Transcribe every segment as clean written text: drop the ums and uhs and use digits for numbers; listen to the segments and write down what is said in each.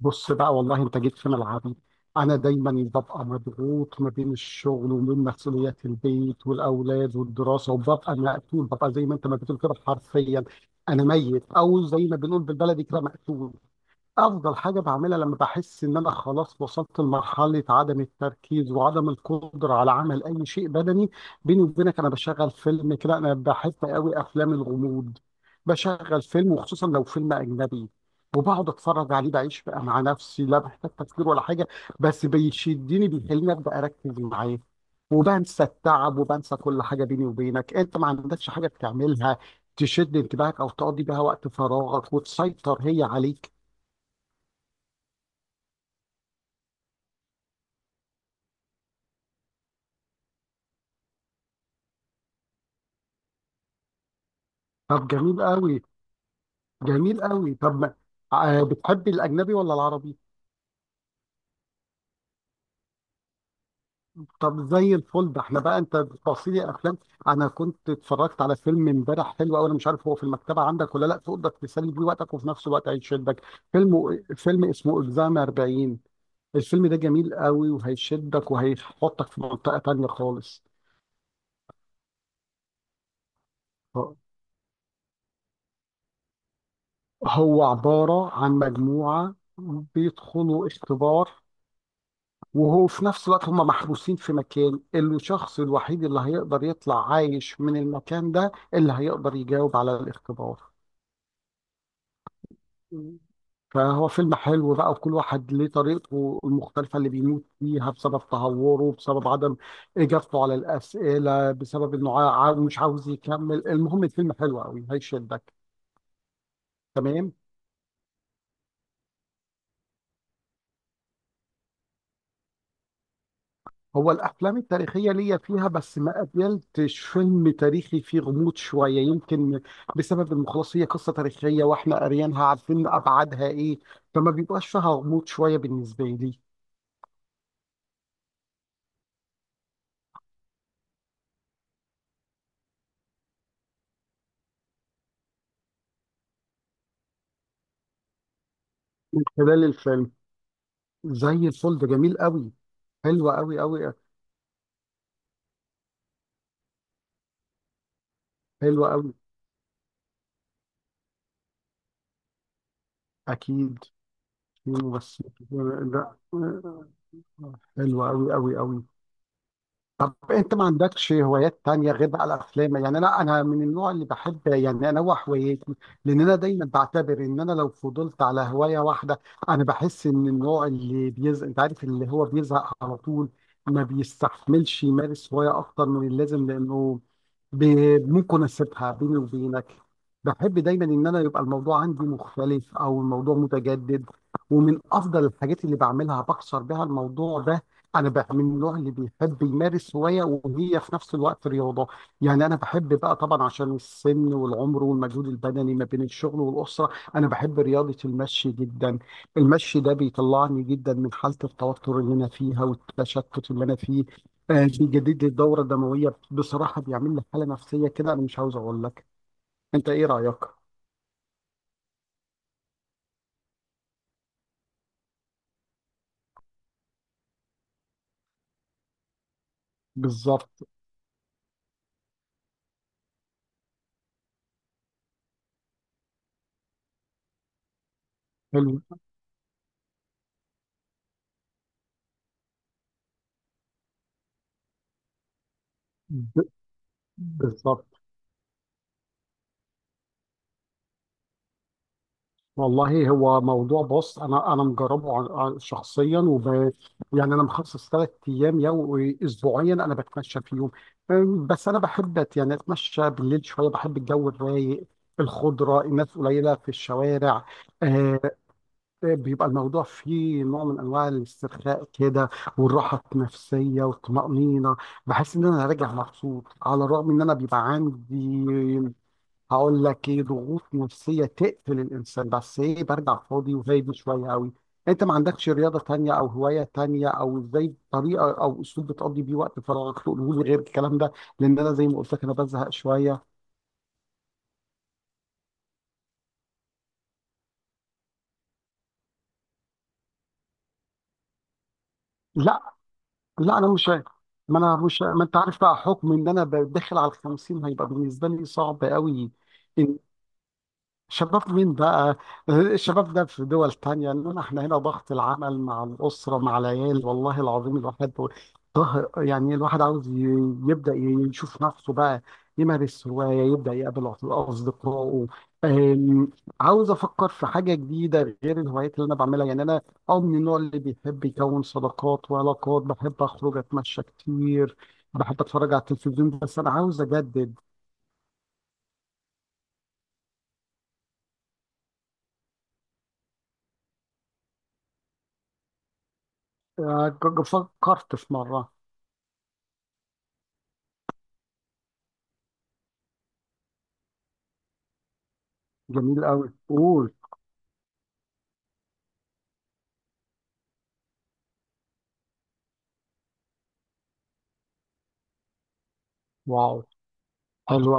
بص بقى، والله انت جيت في ملعبي. انا دايما ببقى مضغوط ما بين الشغل وما بين مسؤوليات البيت والاولاد والدراسه، وببقى مقتول، ببقى زي ما انت ما بتقول كده حرفيا. انا ميت، او زي ما بنقول بالبلدي كده، مقتول. افضل حاجه بعملها لما بحس ان انا خلاص وصلت لمرحله عدم التركيز وعدم القدره على عمل اي شيء بدني، بيني وبينك، انا بشغل فيلم كده. انا بحب قوي افلام الغموض. بشغل فيلم، وخصوصا لو فيلم اجنبي، وبقعد اتفرج عليه، بعيش بقى مع نفسي، لا بحتاج تفكير ولا حاجه. بس بيشدني، بيخليني ابدا اركز معاه، وبنسى التعب وبنسى كل حاجه. بيني وبينك، انت ما عندكش حاجه بتعملها تشد انتباهك او تقضي بيها وقت فراغك وتسيطر هي عليك؟ طب جميل قوي. جميل قوي. طب ما- بتحبي الاجنبي ولا العربي؟ طب زي الفل. ده احنا بقى انت بتوصي لي افلام. انا كنت اتفرجت على فيلم امبارح حلو قوي، انا مش عارف هو في المكتبه عندك ولا لا، تقدر تسلي بيه وقتك وفي نفس الوقت هيشدك. فيلم اسمه اكزام 40. الفيلم ده جميل قوي، وهيشدك، وهيحطك في منطقه تانية خالص. هو عباره عن مجموعه بيدخلوا اختبار، وهو في نفس الوقت هم محبوسين في مكان، الشخص الوحيد اللي هيقدر يطلع عايش من المكان ده اللي هيقدر يجاوب على الاختبار. مم. فهو فيلم حلو بقى، وكل واحد ليه طريقته المختلفة اللي بيموت فيها، بسبب تهوره، بسبب عدم إجابته على الأسئلة، بسبب إنه مش عاوز يكمل. المهم، الفيلم حلو قوي، هيشدك. تمام. هو الافلام التاريخيه ليا فيها، بس ما قابلتش فيلم تاريخي فيه غموض شويه، يمكن بسبب إن خلاص هي قصه تاريخيه واحنا قاريينها، عارفين ابعادها ايه، فما بيبقاش فيها غموض شويه بالنسبه لي. من خلال الفيلم، زي الفل. ده جميل قوي، حلو قوي قوي. حلو قوي. اكيد. في ممثل؟ لا. حلو قوي قوي قوي. انت ما عندكش هوايات تانية غير بقى الافلام؟ يعني انا من النوع اللي بحب يعني انوع هواياتي، لان انا دايما بعتبر ان انا لو فضلت على هواية واحدة، انا بحس ان النوع اللي بيزهق، انت عارف اللي هو بيزهق على طول، ما بيستحملش يمارس هواية اكتر من اللازم، لانه ممكن اسيبها. بيني وبينك، بحب دايما ان انا يبقى الموضوع عندي مختلف او الموضوع متجدد، ومن افضل الحاجات اللي بعملها بكسر بها الموضوع ده، انا بقى من النوع اللي بيحب يمارس هوايه وهي في نفس الوقت رياضه. يعني انا بحب بقى، طبعا عشان السن والعمر والمجهود البدني ما بين الشغل والاسره، انا بحب رياضه المشي جدا. المشي ده بيطلعني جدا من حاله التوتر اللي انا فيها والتشتت اللي انا فيه، بيجدد لي الدوره الدمويه بصراحه، بيعمل لي حاله نفسيه كده انا مش عاوز اقول لك. انت ايه رايك؟ بالظبط. حلو. ب- بالظبط، والله. هو موضوع، بص، انا مجربه، شخصيا، يعني انا مخصص 3 ايام اسبوعيا انا بتمشى فيهم. بس انا بحب، يعني اتمشى بالليل شويه، بحب الجو الرايق، الخضره، الناس قليله في الشوارع. آه. بيبقى الموضوع فيه نوع من انواع الاسترخاء كده، والراحه النفسيه والطمانينه. بحس ان انا راجع مبسوط، على الرغم ان انا بيبقى عندي، هقول لك ايه، ضغوط نفسيه تقتل الانسان، بس ايه، برجع فاضي وهادي شويه قوي. انت ما عندكش رياضه تانية او هوايه تانية، او ازاي طريقه او اسلوب بتقضي بيه وقت فراغك تقوله لي غير الكلام ده؟ لان انا زي ما قلت لك انا بزهق شويه. لا. لا، انا مش عارف. ما انا مش، ما انت عارف بقى، حكم ان انا داخل على ال 50، هيبقى بالنسبه لي صعب قوي. ان شباب مين بقى؟ الشباب ده في دول تانية، إنما إحنا هنا ضغط العمل مع الأسرة مع العيال، والله العظيم الواحد، يعني الواحد عاوز يبدأ يشوف نفسه بقى، يمارس هواية، يبدأ يقابل أصدقائه. أم، عاوز أفكر في حاجة جديدة غير الهوايات اللي أنا بعملها. يعني أنا من النوع اللي بيحب يكون صداقات وعلاقات، بحب أخرج، أتمشى كتير، بحب أتفرج على التلفزيون، بس أنا عاوز أجدد. أه، فكرت في مرة. جميل قوي، قول. واو. حلو.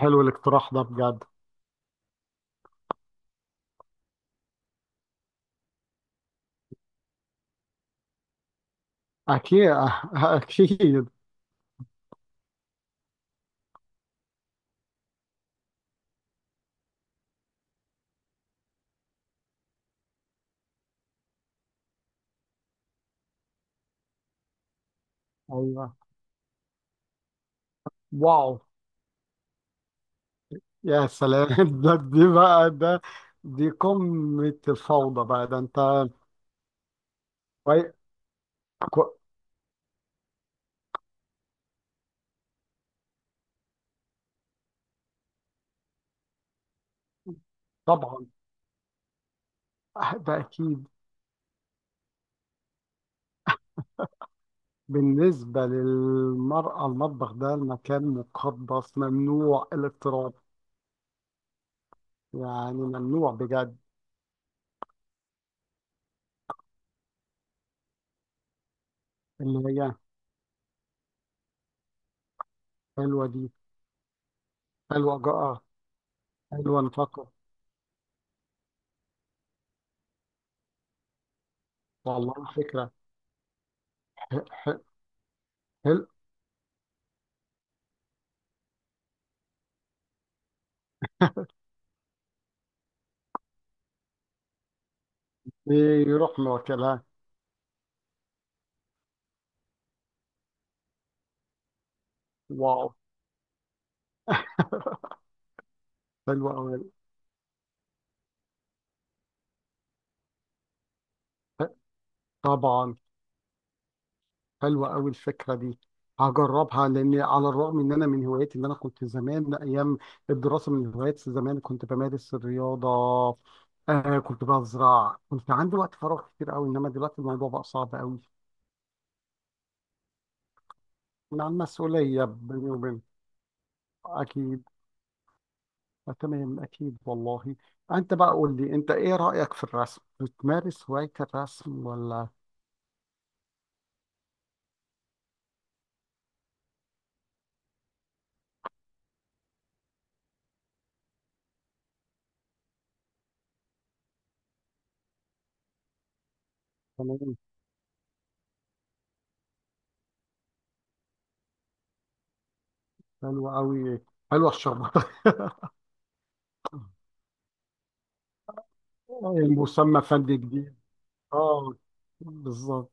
حلو الاقتراح ده بجد. اكيد. اكيد. ايوه. واو. يا سلام. ده دي بقى. ده دي قمة الفوضى بقى. ده انت. كوي- كو- طبعا. ده اكيد. بالنسبة للمرأة المطبخ ده المكان مقدس، ممنوع الاقتراب. يعني ممنوع بجد. اللي هي؟ حلوة دي. حلوة جاء. حلوة نفقة. والله فكرة. ح- ح- حلو. يروح ماكلها. واو. حلوة أوي. طبعا. حلوة أوي الفكرة دي. هجربها، لأن على الرغم إن أنا من هواياتي، اللي أنا كنت زمان أيام الدراسة من هوايات زمان كنت بمارس الرياضة. آه، كنت بزرع، كنت عندي وقت فراغ كتير أوي، إنما دلوقتي الموضوع بقى صعب أوي. مع المسؤولية، بيني وبين. أكيد. آه، تمام، أكيد والله. أنت بقى قول لي، أنت إيه رأيك في الرسم؟ بتمارس هواية الرسم ولا؟ تمام. حلوة أوي. حلوة الشربات. المسمى فني جديد. اه. بالظبط.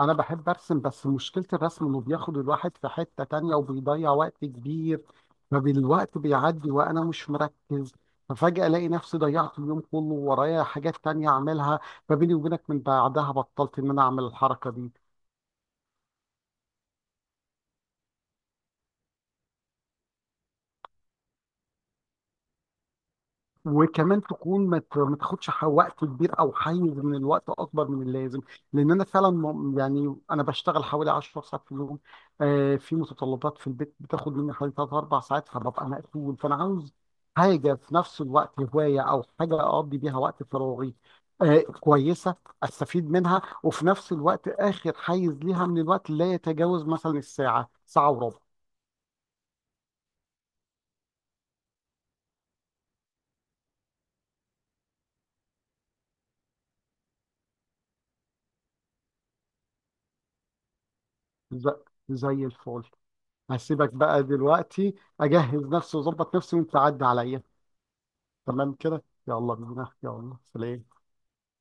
أنا بحب أرسم، بس مشكلة الرسم إنه بياخد الواحد في حتة تانية وبيضيع وقت كبير. فبالوقت بيعدي وأنا مش مركز، ففجأة ألاقي نفسي ضيعت اليوم كله ورايا حاجات تانية أعملها. فبيني وبينك، من بعدها بطلت إن أنا أعمل الحركة دي. وكمان تكون، ما تاخدش وقت كبير او حيز من الوقت اكبر من اللازم، لان انا فعلا يعني انا بشتغل حوالي 10 ساعات في اليوم، آه، في متطلبات في البيت بتاخد مني حوالي 3 4 ساعات، فببقى مقفول. فانا عاوز حاجه في نفس الوقت هوايه او حاجه اقضي بيها وقت فراغي، آه، كويسه، استفيد منها، وفي نفس الوقت اخر حيز ليها من الوقت لا يتجاوز مثلا الساعه، ساعه وربع. ز- زي الفل. هسيبك بقى دلوقتي، اجهز نفسي واظبط نفسي، وانت عدى عليا. تمام كده، يلا بينا. يلا سلام.